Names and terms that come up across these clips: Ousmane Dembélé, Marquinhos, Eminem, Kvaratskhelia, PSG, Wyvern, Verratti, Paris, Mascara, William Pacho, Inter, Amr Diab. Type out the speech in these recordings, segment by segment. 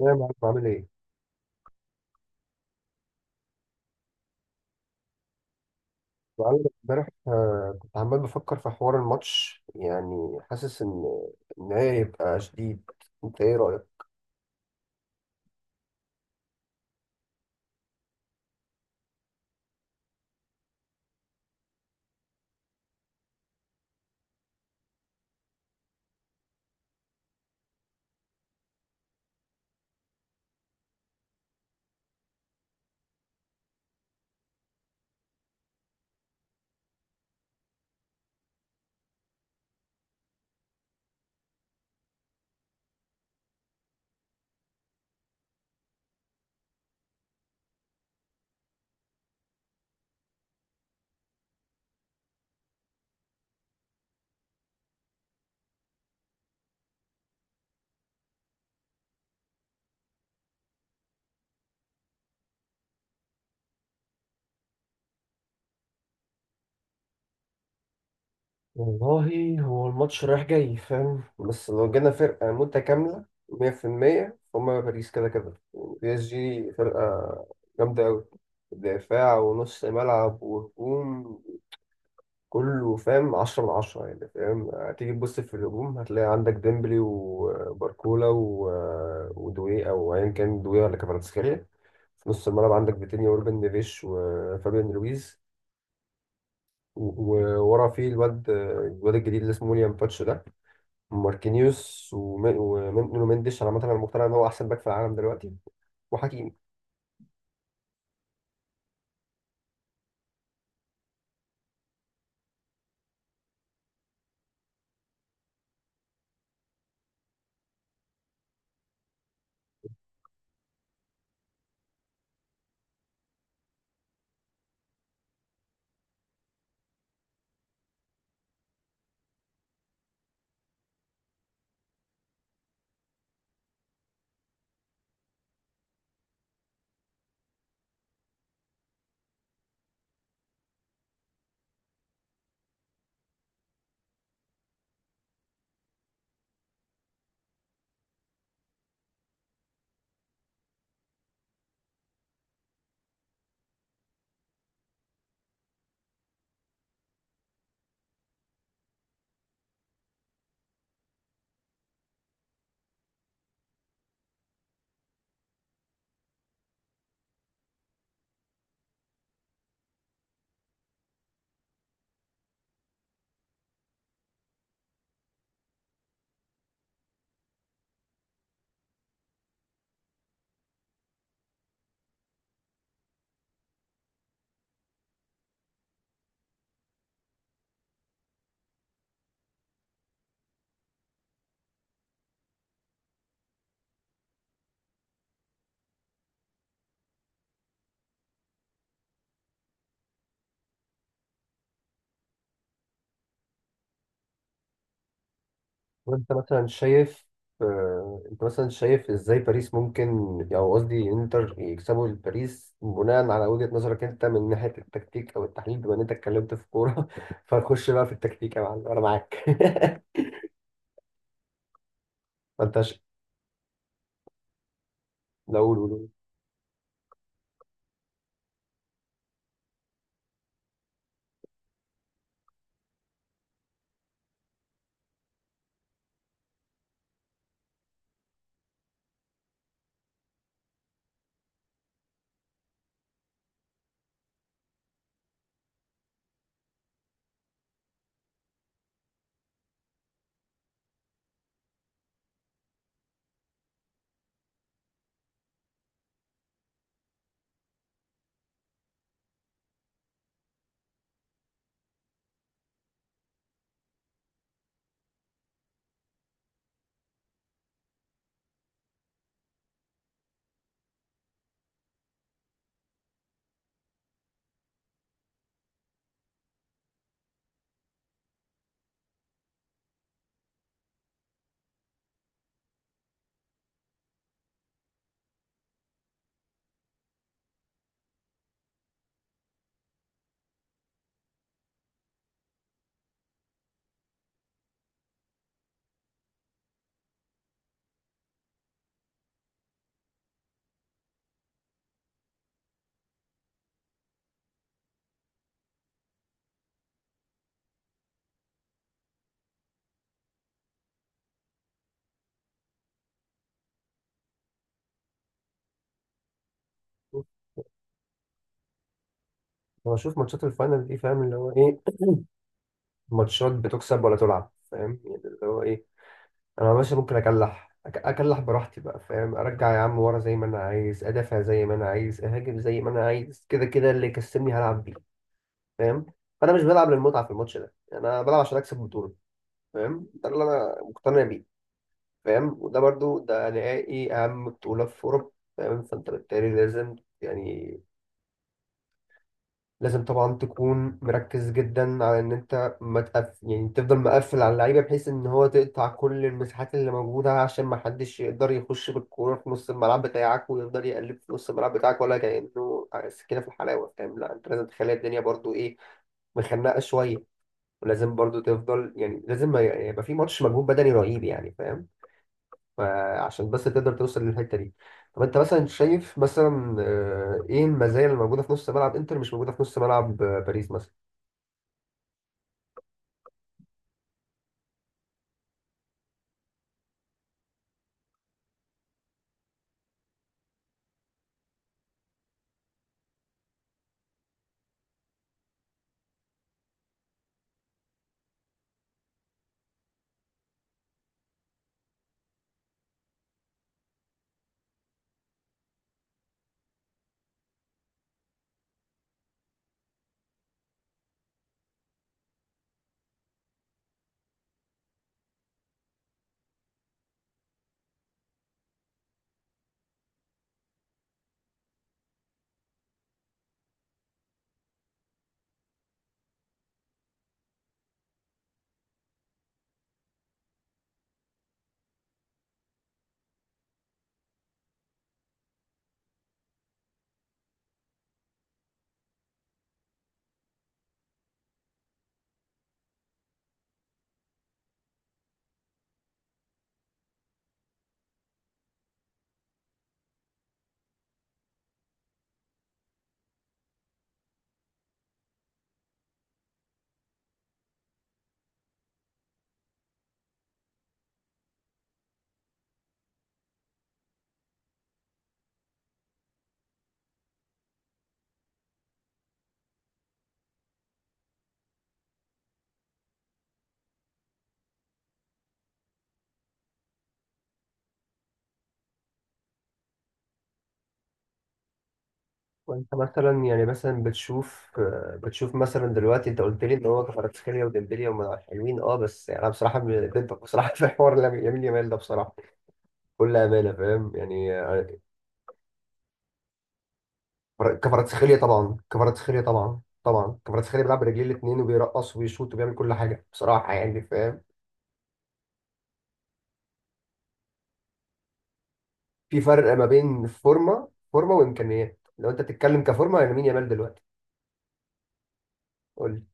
يا معلم عامل ايه؟ معلم امبارح، كنت عمال بفكر في حوار الماتش، يعني حاسس ان هي هيبقى شديد. انت ايه رأيك؟ والله هو الماتش رايح جاي، فاهم؟ بس لو جينا فرقة متكاملة 100% فهم، باريس كده كده يعني. بي اس جي فرقة جامدة أوي، دفاع ونص ملعب وهجوم، كله فاهم 10 من 10 يعني. فاهم، هتيجي تبص في الهجوم، هتلاقي عندك ديمبلي وباركولا ودوي أو أيا كان، دوي ولا كفاراتسخيليا. في نص الملعب عندك فيتينيا وروبن نيفيش وفابيان لويز. وورا فيه الواد الجديد اللي اسمه ويليام باتش ده، ماركينيوس، ونونو مندش. انا مثلا مقتنع ان هو احسن باك في العالم دلوقتي، وحكيمي. وانت مثلا شايف آه، انت مثلا شايف ازاي باريس ممكن، او قصدي انتر يكسبوا الباريس، بناء على وجهة نظرك انت من ناحية التكتيك او التحليل، بما ان انت اتكلمت في كورة فنخش بقى في التكتيك يا معلم، انا معاك فانت لا، قول، قول، قول. هو شوف ماتشات الفاينل دي، فاهم اللي هو ايه؟ ماتشات بتكسب ولا تلعب، فاهم يعني اللي هو ايه. انا باشا ممكن اكلح، اكلح براحتي بقى، فاهم؟ ارجع يا عم ورا، زي ما انا عايز ادافع، زي ما انا عايز اهاجم، زي ما انا عايز، كده كده اللي يكسبني هلعب بيه، فاهم؟ فانا مش بلعب للمتعه في الماتش ده يعني، انا بلعب عشان اكسب بطوله، فاهم؟ ده اللي انا مقتنع بيه، فاهم؟ وده برضو ده نهائي اهم بطوله في اوروبا، فاهم؟ فانت بالتالي لازم، يعني لازم طبعا تكون مركز جدا على ان انت ما تقف. يعني تفضل مقفل على اللعيبه، بحيث ان هو تقطع كل المساحات اللي موجوده، عشان ما حدش يقدر يخش بالكوره في نص الملعب بتاعك، ويقدر يقلب في نص الملعب بتاعك ولا كانه سكينه في الحلاوه، فاهم؟ لا انت لازم تخلي الدنيا برضو ايه، مخنقه شويه. ولازم برضو تفضل، يعني لازم يبقى في ماتش مجهود بدني رهيب يعني، فاهم؟ فعشان بس تقدر توصل للحته دي. طب انت مثلا شايف، مثلا ايه المزايا اللي موجوده في نص ملعب انتر مش موجوده في نص ملعب باريس مثلا؟ وانت مثلا يعني مثلا بتشوف مثلا دلوقتي انت قلت لي ان هو كفاراتسخيليا وديمبلي هم حلوين، اه بس يعني انا بصراحه ضدك بصراحه في حوار لامين يامال ده، بصراحه بكل امانه فاهم يعني. كفاراتسخيليا طبعا، كفاراتسخيليا طبعا كفاراتسخيليا بيلعب برجليه الاثنين، وبيرقص وبيشوط وبيعمل كل حاجه، بصراحه يعني فاهم. في فرق ما بين فورمه وامكانيات، لو انت بتتكلم كفورمه لامين يامال دلوقتي قول لي.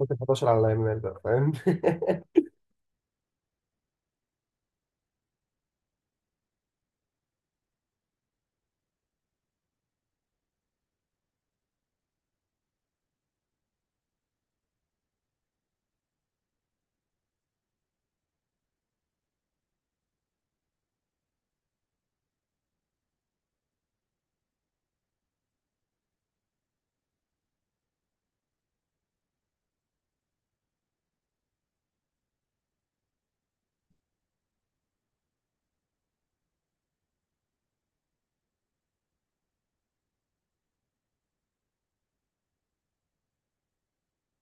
حط ال 11 على لامين يامال بقى، فاهم.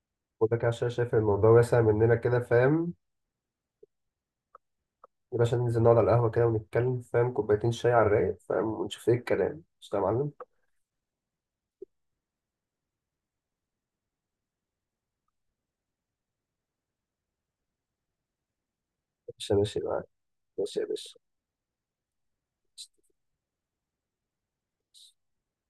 وده كده عشان شايف الموضوع واسع مننا كده، فاهم؟ يا باشا ننزل نقعد على القهوة كده ونتكلم، فاهم؟ كوبايتين شاي على الرايق، فاهم؟ ونشوف ايه الكلام، مش يا معلم؟ ماشي، ماشي معاك، ماشي يا باشا.